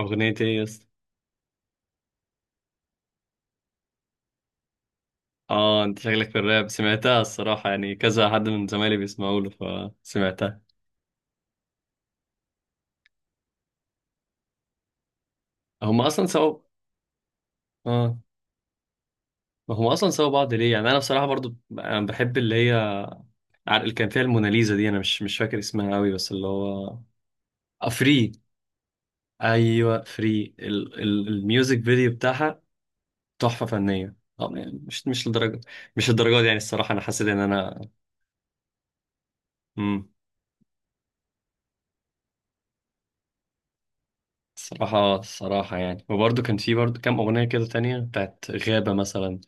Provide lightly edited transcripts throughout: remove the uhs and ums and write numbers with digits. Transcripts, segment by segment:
أغنية إيه يا اسطى؟ آه، أنت شكلك في الراب سمعتها الصراحة، يعني كذا حد من زمايلي بيسمعوا له فسمعتها. هم أصلا سوا. آه، ما هم أصلا سوا بعض ليه يعني؟ أنا بصراحة برضو أنا بحب اللي هي، اللي كان فيها الموناليزا دي، أنا مش فاكر اسمها أوي، بس اللي هو آه فري. أيوه فري الميوزك فيديو بتاعها تحفة فنية. آه يعني مش لدرجة، مش الدرجة دي يعني. الصراحة أنا حسيت إن أنا مم. الصراحة الصراحة يعني، وبرضه كان في برضه كام أغنية كده تانية بتاعت غابة مثلا.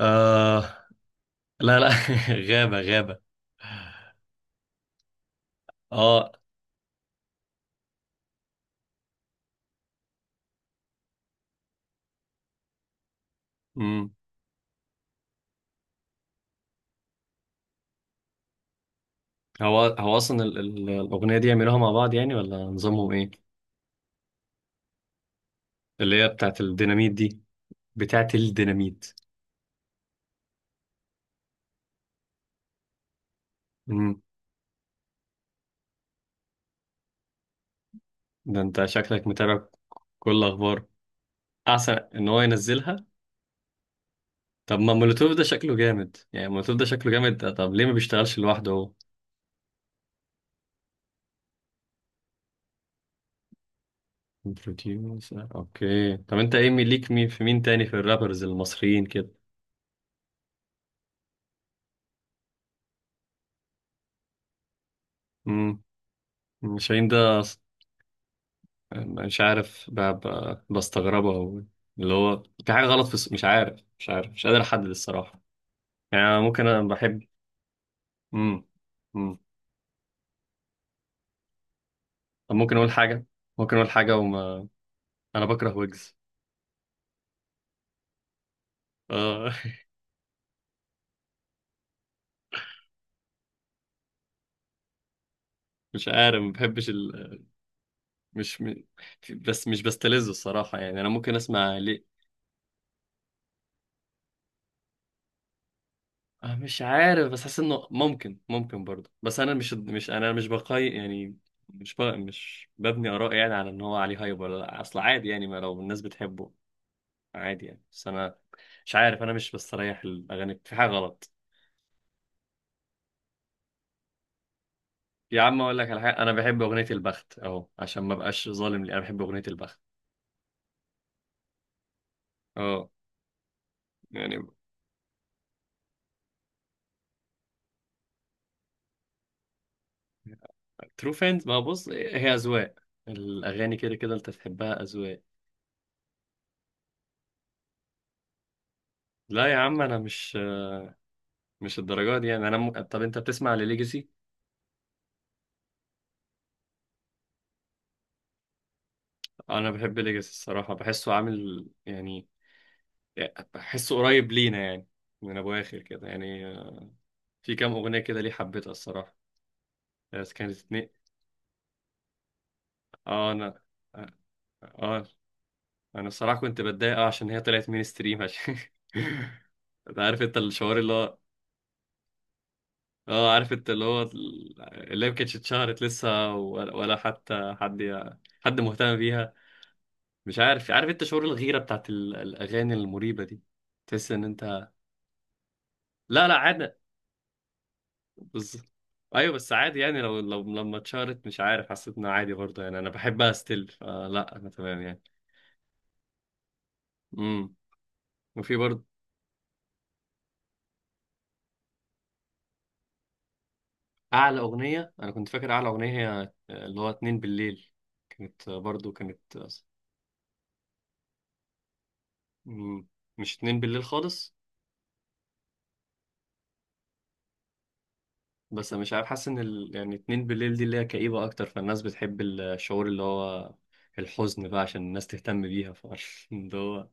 آه، لا لا، غابة غابة. اه. امم هو اصلا الاغنية دي يعملوها مع بعض يعني، ولا نظامهم ايه؟ اللي هي بتاعت الديناميت دي، بتاعت الديناميت. امم ده انت شكلك متابع كل اخبار. احسن ان هو ينزلها. طب ما مولوتوف ده شكله جامد يعني، مولوتوف ده شكله جامد ده، طب ليه ما بيشتغلش لوحده هو؟ بروديوسر اوكي. طب انت ايه ليك مين، في مين تاني في الرابرز المصريين كده؟ امم شاهين ده مش عارف بستغربها أوي. اللي هو في حاجة غلط في مش عارف مش قادر أحدد الصراحة. يعني أنا ممكن، أنا بحب. مم. مم. طب ممكن أقول حاجة، ممكن أقول حاجة وما أنا بكره ويجز. آه مش عارف ما بحبش مش م... بس مش بستلذه الصراحة يعني، أنا ممكن أسمع ليه. آه مش عارف بس حاسس إنه ممكن برضه، بس أنا مش بقي يعني، مش ببني آراء يعني على إن هو عليه هايب ولا لأ. أصل عادي يعني، ما لو الناس بتحبه عادي يعني. بس انا مش عارف انا مش بستريح الاغاني، في حاجه غلط. يا عم اقول لك على حاجه، انا بحب اغنيه البخت اهو، عشان ما بقاش ظالم لي، انا بحب اغنيه البخت. اه. يعني ترو فانز، ما بص هي اذواق، الاغاني كده كده انت تحبها اذواق. لا يا عم انا مش، مش الدرجات دي يعني. انا طب انت بتسمع لليجاسي؟ انا بحب ليجاسي الصراحه، بحسه عامل يعني بحسه قريب لينا يعني، من ابو اخر كده يعني. في كام اغنيه كده ليه حبيتها الصراحه، بس كانت اتنين. اه انا. اه. انا الصراحه كنت بتضايق اه، عشان هي طلعت مين ستريم. عشان انت عارف انت الشعور اللي هو، اه عارف انت اللي هو، اللي هي ما كانتش اتشهرت لسه، ولا حتى حد مهتم بيها. مش عارف، عارف انت شعور الغيره بتاعت الاغاني المريبه دي. تحس ان انت، لا لا عادي. بز... ايوه بس عادي يعني، لو لما اتشهرت مش عارف حسيت انها عادي برضه يعني، انا بحبها ستيل، فلا انا تمام يعني. امم وفي برضه اعلى اغنيه، انا كنت فاكر اعلى اغنيه هي آه، اللي هو اتنين بالليل، كانت برضو كانت مم، مش اتنين بالليل خالص. بس أنا مش عارف، حاسس ان يعني اتنين بالليل دي اللي هي كئيبه اكتر، فالناس بتحب الشعور اللي هو الحزن بقى عشان الناس تهتم بيها. ف ده هو.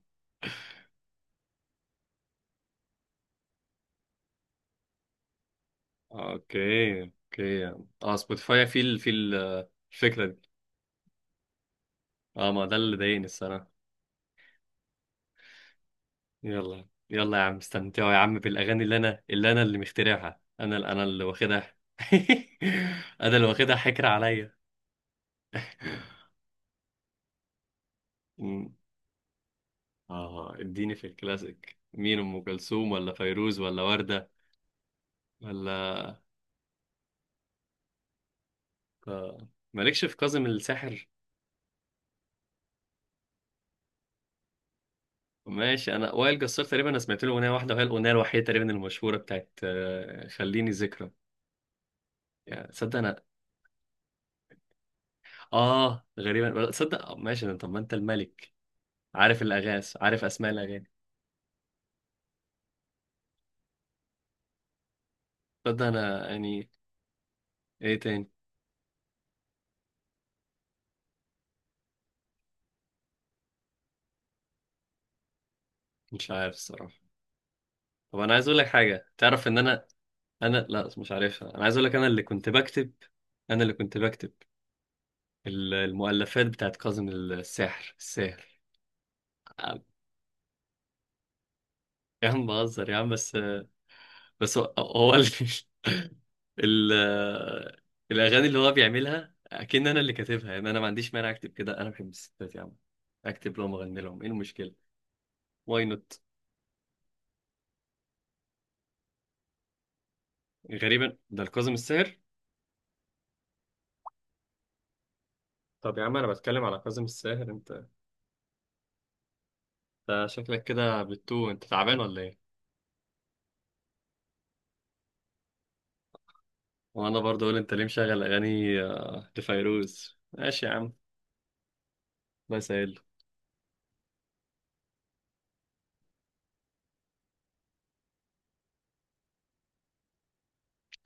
اوكي اوكي. اه سبوتيفاي في آه، الفكره دي. اه، ما ده اللي ضايقني الصراحه. يلا يلا يا عم استمتعوا يا عم بالاغاني، اللي انا اللي مخترعها، انا اللي واخدها. انا اللي واخدها حكر عليا. مم. اه اديني في الكلاسيك، مين؟ ام كلثوم ولا فيروز ولا وردة ولا؟ آه. مالكش في كاظم الساحر؟ ماشي. انا وائل جسار تقريبا انا سمعت له اغنيه واحده، وهي الاغنيه الوحيده تقريبا المشهوره بتاعت آه، خليني ذكرى يعني. صدق انا. اه غريبا صدق. آه، ماشي طب ما انت الملك، عارف الاغاس، عارف اسماء الاغاني. صدق انا يعني. ايه تاني؟ مش عارف الصراحة. طب انا عايز اقول لك حاجة، تعرف ان انا، انا لا مش عارفها. انا عايز اقول لك، انا اللي كنت بكتب المؤلفات بتاعت كاظم الساحر الساحر. يا عم بهزر يا عم بس. بس هو هو ال... الاغاني اللي هو بيعملها اكن انا اللي كاتبها يعني. انا ما عنديش مانع اكتب كده، انا بحب الستات يا عم، اكتب لهم اغني لهم، ايه المشكلة؟ واي نوت. غريبا ده الكاظم الساحر. طب يا عم انا بتكلم على كاظم الساحر. انت شكلك كده بتو، انت تعبان ولا ايه؟ وانا برضه اقول انت ليه مشغل اغاني آه، لفيروز. ماشي يا عم، الله يسهل.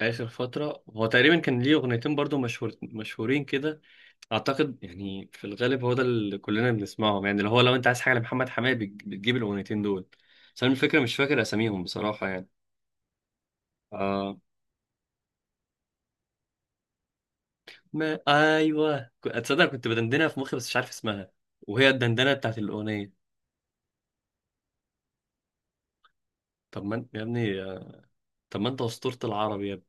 اخر فتره هو تقريبا كان ليه اغنيتين برضه مشهور مشهورين كده، اعتقد يعني في الغالب هو ده اللي كلنا بنسمعهم يعني. اللي هو لو انت عايز حاجه لمحمد حماقي بتجيب الاغنيتين دول. بس انا الفكره مش فاكر اساميهم بصراحه يعني. آه. ما ايوه اتصدق كنت بدندنها في مخي، بس مش عارف اسمها وهي الدندنه بتاعت الاغنيه. طب ما انت- يا ابني آه، طب ما انت اسطوره العرب يا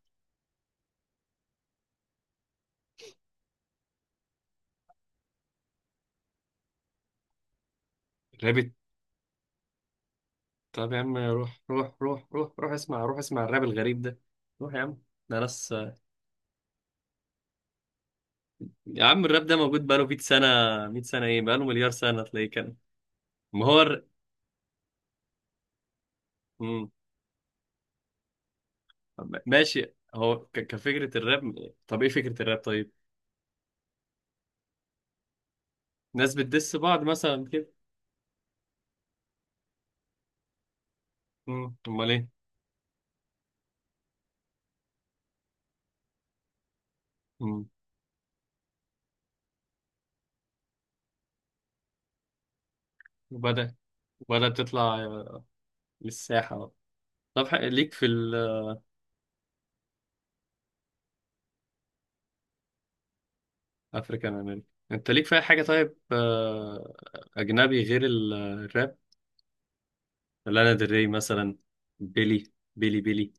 ابني. طب يا عم، روح اسمع، روح اسمع الراب الغريب ده. روح يا عم. ده ناس. يا عم الراب ده موجود بقاله 100 سنة، 100 سنة ايه بقاله مليار سنة تلاقيه كان. ما هو مم. ماشي هو كفكرة الراب، طب ايه فكرة الراب طيب؟ ناس بتدس بعض مثلا كده. مم. امال ايه؟ مم. وبدأ، وبدأت تطلع للساحة بقى. طب ليك في الافريكان امريكا. انت ليك في اي حاجة طيب آه، اجنبي غير الراب؟ لانا ديل ري مثلا، بيلي،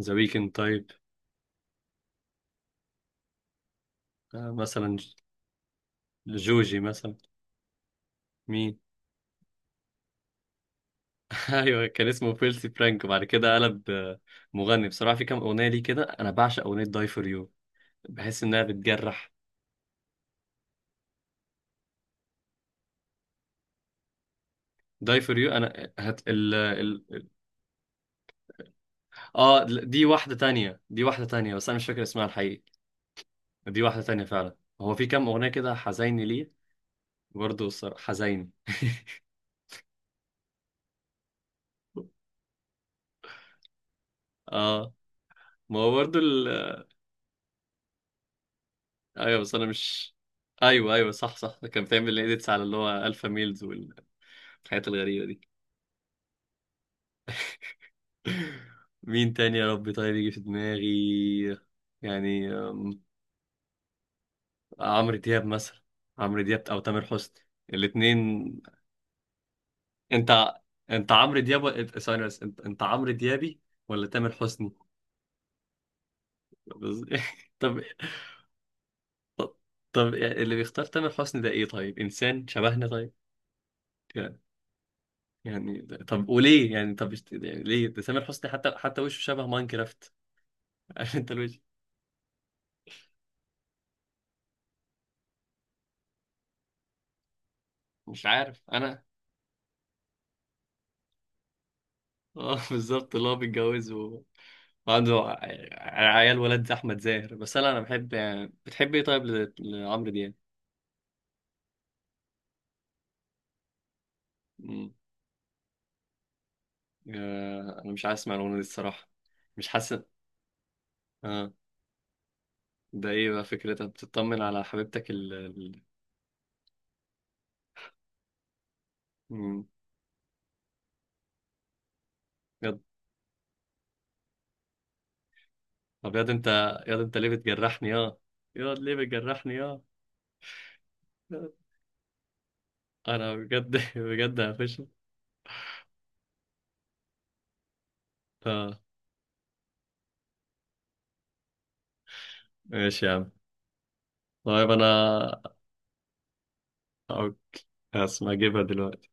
ذا ويكند تايب، آه، مثلا جوجي مثلا. مين؟ ايوه كان اسمه فيلسي فرانك، وبعد كده قلب آه، مغني بصراحه. في كام اغنيه ليه كده، انا بعشق اغنيه داي فور يو، بحس انها بتجرح. داي فور يو، انا هت ال ال، اه دي واحده تانية بس انا مش فاكر اسمها الحقيقي. دي واحده تانية فعلا. هو في كام اغنيه كده حزيني ليه برضه الصراحة، حزيني اه ما هو برضه. ايوه بس انا مش، ايوه صح، كان بتعمل اديتس على اللي هو الفا ميلز والحاجات الغريبه دي. مين تاني يا ربي طيب يجي في دماغي يعني عمرو دياب مثلا. عمرو دياب او تامر حسني، الاثنين. انت انت عمرو دياب ثواني بس، انت عمرو ديابي ولا تامر حسني؟ بس- طب، طب يعني اللي بيختار تامر حسني ده ايه طيب، انسان شبهنا طيب؟ يعني طب وليه يعني، طب يعني ليه ده سامر حسني؟ حتى وشه شبه ماينكرافت. عارف انت الوش، مش عارف انا. اه بالظبط اللي هو بيتجوز وعنده عيال ولاد زي احمد زاهر. بس انا بحب يعني، بتحب ايه طيب لعمرو دياب؟ مم. آه، انا مش عايز اسمع الاغنيه دي الصراحه، مش حاسس. اه ده ايه بقى فكرتها، بتطمن على حبيبتك مم. ياض، طب ياض انت، ياض انت ليه بتجرحني اه؟ ياض ليه بتجرحني اه؟ ياض. انا بجد بجد هخش. اه ماشي يا عم. طيب انا أو- هسمع اجيبها دلوقتي.